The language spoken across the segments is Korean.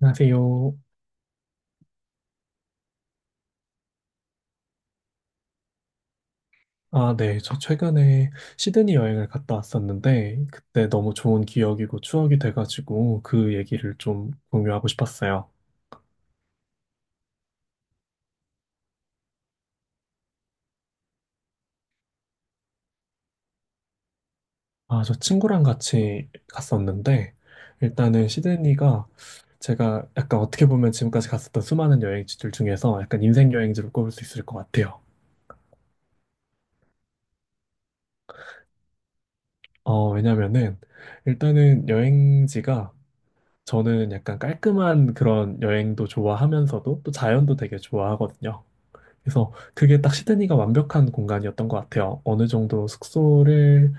안녕하세요. 아, 네. 저 최근에 시드니 여행을 갔다 왔었는데, 그때 너무 좋은 기억이고 추억이 돼가지고 그 얘기를 좀 공유하고 싶었어요. 아, 저 친구랑 같이 갔었는데, 일단은 시드니가 제가 약간 어떻게 보면 지금까지 갔었던 수많은 여행지들 중에서 약간 인생 여행지로 꼽을 수 있을 것 같아요. 왜냐면은 일단은 여행지가 저는 약간 깔끔한 그런 여행도 좋아하면서도 또 자연도 되게 좋아하거든요. 그래서 그게 딱 시드니가 완벽한 공간이었던 것 같아요. 어느 정도 숙소를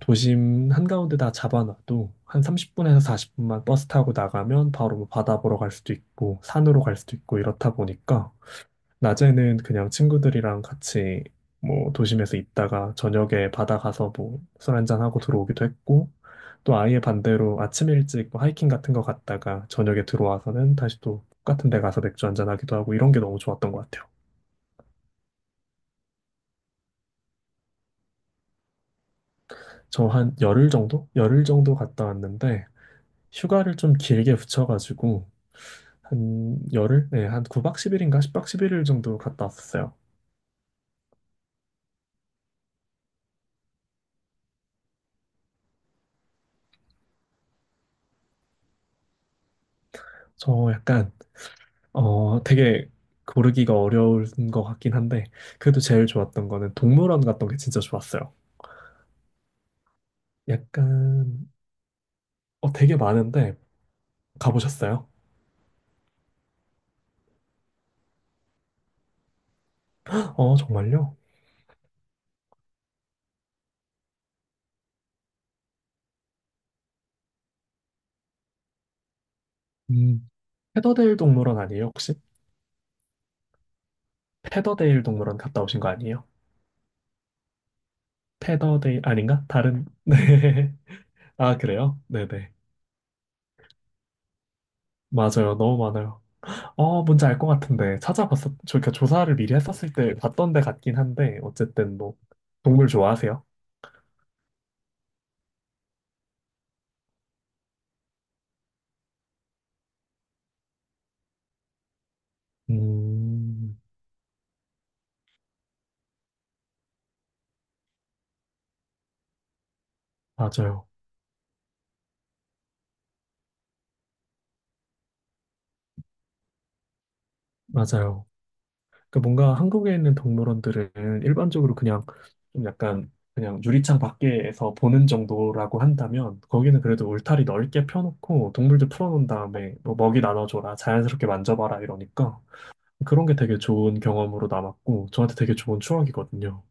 도심 한가운데 다 잡아놔도 한 30분에서 40분만 버스 타고 나가면 바로 뭐 바다 보러 갈 수도 있고 산으로 갈 수도 있고 이렇다 보니까 낮에는 그냥 친구들이랑 같이 뭐 도심에서 있다가 저녁에 바다 가서 뭐 술 한잔하고 들어오기도 했고 또 아예 반대로 아침 일찍 뭐 하이킹 같은 거 갔다가 저녁에 들어와서는 다시 또 똑같은 데 가서 맥주 한잔하기도 하고 이런 게 너무 좋았던 것 같아요. 저 한 열흘 정도? 열흘 정도 갔다 왔는데, 휴가를 좀 길게 붙여가지고, 한 열흘? 네, 한 9박 10일인가 10박 11일 정도 갔다 왔었어요. 저 약간, 되게 고르기가 어려운 것 같긴 한데, 그래도 제일 좋았던 거는 동물원 갔던 게 진짜 좋았어요. 약간, 되게 많은데, 가보셨어요? 어, 정말요? 음, 페더데일 동물원 아니에요, 혹시? 페더데일 동물원 갔다 오신 거 아니에요? 페더데일, 아닌가? 다른, 네. 아, 그래요? 네네. 맞아요. 너무 많아요. 어, 뭔지 알 것 같은데. 찾아봤었, 저, 그러니까 조사를 미리 했었을 때 봤던 데 같긴 한데, 어쨌든 뭐, 동물 좋아하세요? 음, 맞아요. 맞아요. 그러니까 뭔가 한국에 있는 동물원들은 일반적으로 그냥 좀 약간 그냥 유리창 밖에서 보는 정도라고 한다면, 거기는 그래도 울타리 넓게 펴놓고 동물들 풀어놓은 다음에 뭐 먹이 나눠줘라, 자연스럽게 만져봐라 이러니까 그런 게 되게 좋은 경험으로 남았고, 저한테 되게 좋은 추억이거든요.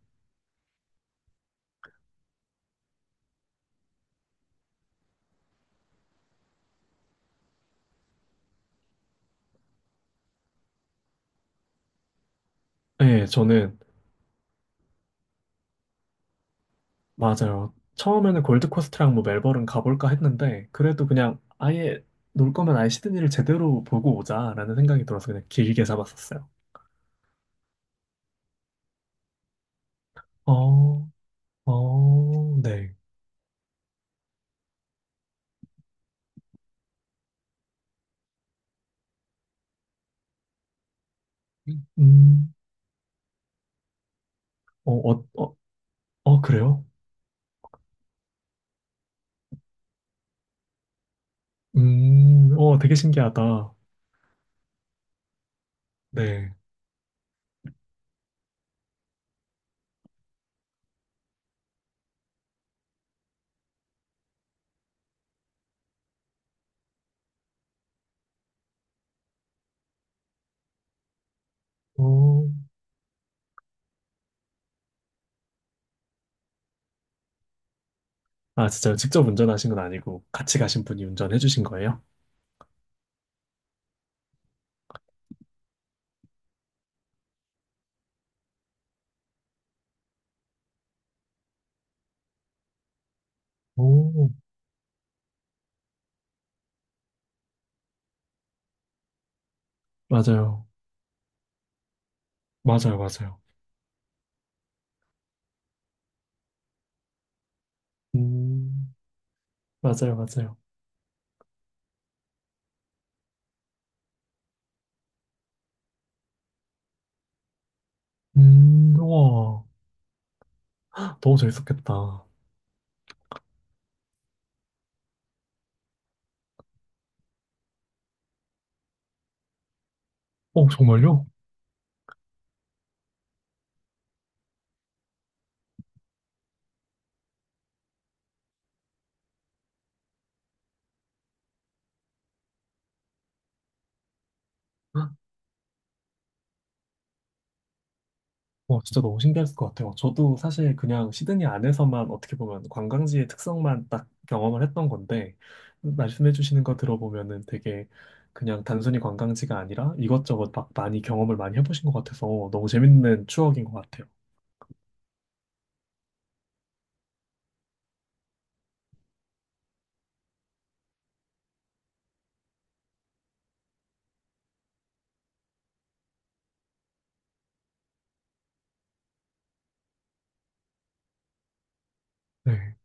네, 저는 맞아요. 처음에는 골드코스트랑 뭐 멜버른 가볼까 했는데, 그래도 그냥 아예 놀 거면 아예 시드니를 제대로 보고 오자라는 생각이 들어서 그냥 길게 잡았었어요. 어, 어, 네. 음, 어, 어, 어, 어, 그래요? 되게 신기하다. 네. 어, 아, 진짜요? 직접 운전하신 건 아니고 같이 가신 분이 운전해 주신 거예요? 오, 맞아요. 맞아요, 맞아요. 음, 맞아요, 맞아요. 와, 너무 재밌었겠다. 어, 정말요? 와, 진짜 너무 신기했을 것 같아요. 저도 사실 그냥 시드니 안에서만 어떻게 보면 관광지의 특성만 딱 경험을 했던 건데, 말씀해 주시는 거 들어보면은 되게 그냥 단순히 관광지가 아니라 이것저것 막 많이 경험을 많이 해보신 것 같아서 너무 재밌는 추억인 것 같아요. 네,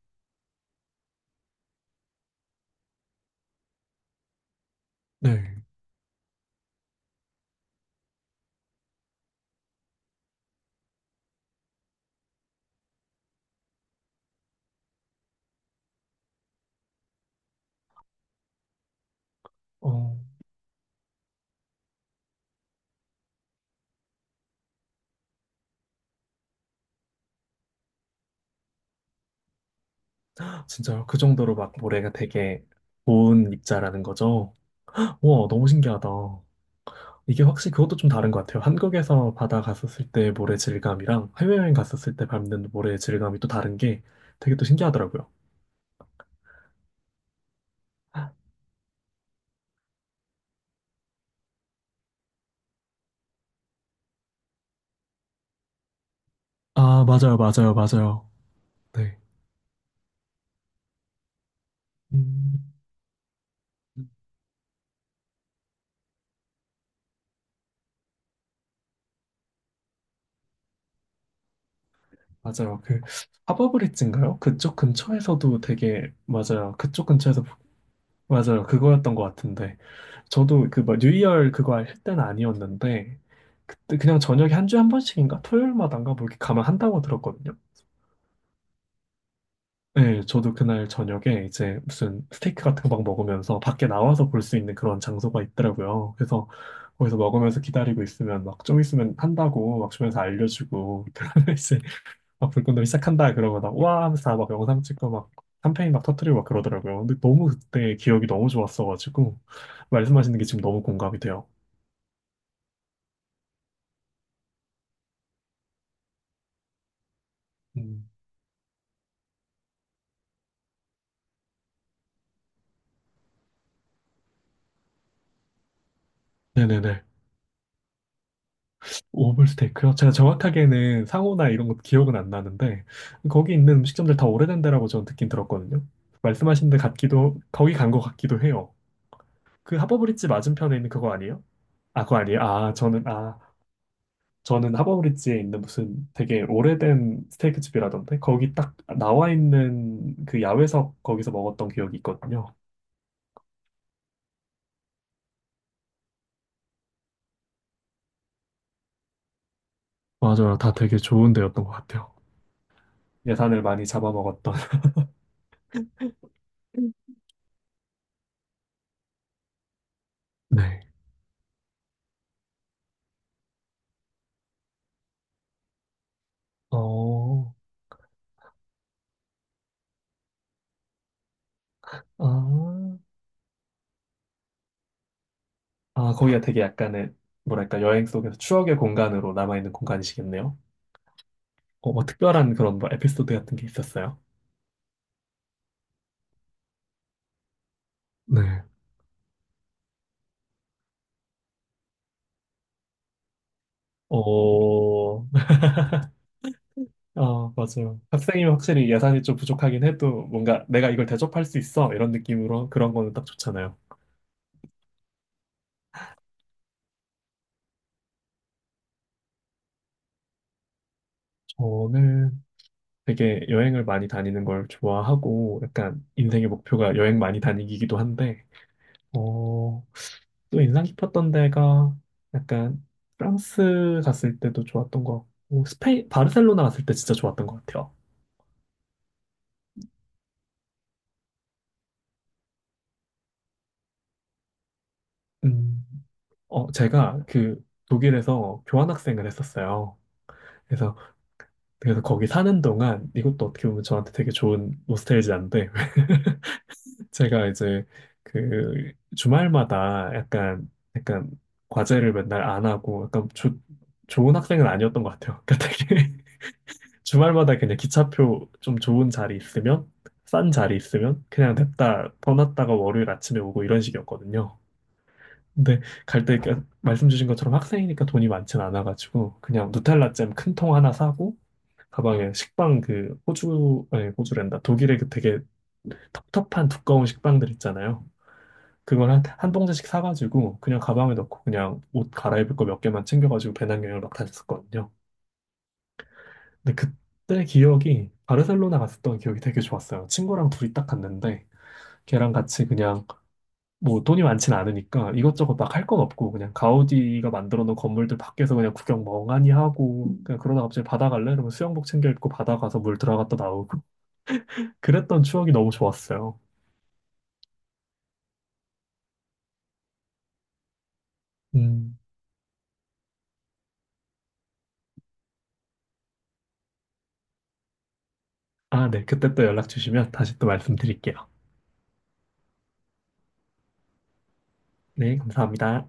네. 어, 진짜요? 그 정도로 막 모래가 되게 좋은 입자라는 거죠? 와, 너무 신기하다. 이게 확실히 그것도 좀 다른 것 같아요. 한국에서 바다 갔었을 때 모래 질감이랑 해외여행 갔었을 때 밟는 모래 질감이 또 다른 게 되게 또 신기하더라고요. 아, 맞아요, 맞아요, 맞아요. 네. 음, 맞아요. 그 하버브릿지인가요? 그쪽 근처에서도 되게 맞아요. 그쪽 근처에서 맞아요. 그거였던 것 같은데 저도 그뭐 뉴이얼 그거 할 때는 아니었는데 그때 그냥 저녁에 한 주에 한 번씩인가 토요일마다인가 뭐 이렇게 가면 한다고 들었거든요. 네, 저도 그날 저녁에 이제 무슨 스테이크 같은 거 막 먹으면서 밖에 나와서 볼 수 있는 그런 장소가 있더라고요. 그래서 거기서 먹으면서 기다리고 있으면 막 좀 있으면 한다고 막 주면서 알려주고 그러면 이제 막 불꽃놀이 시작한다 그러고 막와 하면서 다막 영상 찍고 막 샴페인 막 터트리고 막 그러더라고요. 근데 너무 그때 기억이 너무 좋았어가지고 말씀하시는 게 지금 너무 공감이 돼요. 음. 네네네. 오블스테이크요? 제가 정확하게는 상호나 이런 것 기억은 안 나는데 거기 있는 음식점들 다 오래된 데라고 저는 듣긴 들었거든요. 말씀하신 데 같기도 거기 간 것 같기도 해요. 그 하버브릿지 맞은편에 있는 그거 아니에요? 아, 그거 아니에요? 저는 하버브릿지에 있는 무슨 되게 오래된 스테이크 집이라던데 거기 딱 나와 있는 그 야외석 거기서 먹었던 기억이 있거든요. 맞아요. 다 되게 좋은 데였던 것 같아요. 예산을 많이 잡아먹었던. 네. 어, 아. 아, 거기가 되게 약간의, 뭐랄까, 여행 속에서 추억의 공간으로 남아있는 공간이시겠네요. 어, 뭐 특별한 그런 뭐 에피소드 같은 게 있었어요? 네. 어, 아, 맞아요. 학생이면 확실히 예산이 좀 부족하긴 해도 뭔가 내가 이걸 대접할 수 있어. 이런 느낌으로 그런 거는 딱 좋잖아요. 저는 되게 여행을 많이 다니는 걸 좋아하고 약간 인생의 목표가 여행 많이 다니기이기도 한데, 어, 또 인상 깊었던 데가 약간 프랑스 갔을 때도 좋았던 것 같고 스페인 바르셀로나 갔을 때 진짜 좋았던 것 같아요. 음, 제가 독일에서 교환학생을 했었어요. 그래서 그래서 거기 사는 동안 이것도 어떻게 보면 저한테 되게 좋은 노스텔지아인데 제가 이제 주말마다 약간 약간 과제를 맨날 안 하고 약간 좋은 학생은 아니었던 것 같아요. 그러니까 되게 주말마다 그냥 기차표 좀 좋은 자리 있으면, 싼 자리 있으면, 그냥 냅다 떠났다가 월요일 아침에 오고 이런 식이었거든요. 근데 갈때 그 말씀 주신 것처럼 학생이니까 돈이 많진 않아가지고, 그냥 누텔라 잼 큰 통 하나 사고, 가방에 식빵 그 호주, 아니 호주랜다. 독일의 그 되게 텁텁한 두꺼운 식빵들 있잖아요. 그걸 한 봉지씩 사가지고, 그냥 가방에 넣고, 그냥 옷 갈아입을 거 몇 개만 챙겨가지고 배낭여행을 막 다녔었거든요. 근데 그때 기억이 바르셀로나 갔었던 기억이 되게 좋았어요. 친구랑 둘이 딱 갔는데 걔랑 같이 그냥 뭐 돈이 많진 않으니까 이것저것 막 할 건 없고 그냥 가우디가 만들어 놓은 건물들 밖에서 그냥 구경 멍하니 하고 그냥 그러다 갑자기 바다 갈래? 이러면 수영복 챙겨 입고 바다 가서 물 들어갔다 나오고 그랬던 추억이 너무 좋았어요. 음. 아, 네. 그때 또 연락 주시면 다시 또 말씀드릴게요. 네, 감사합니다.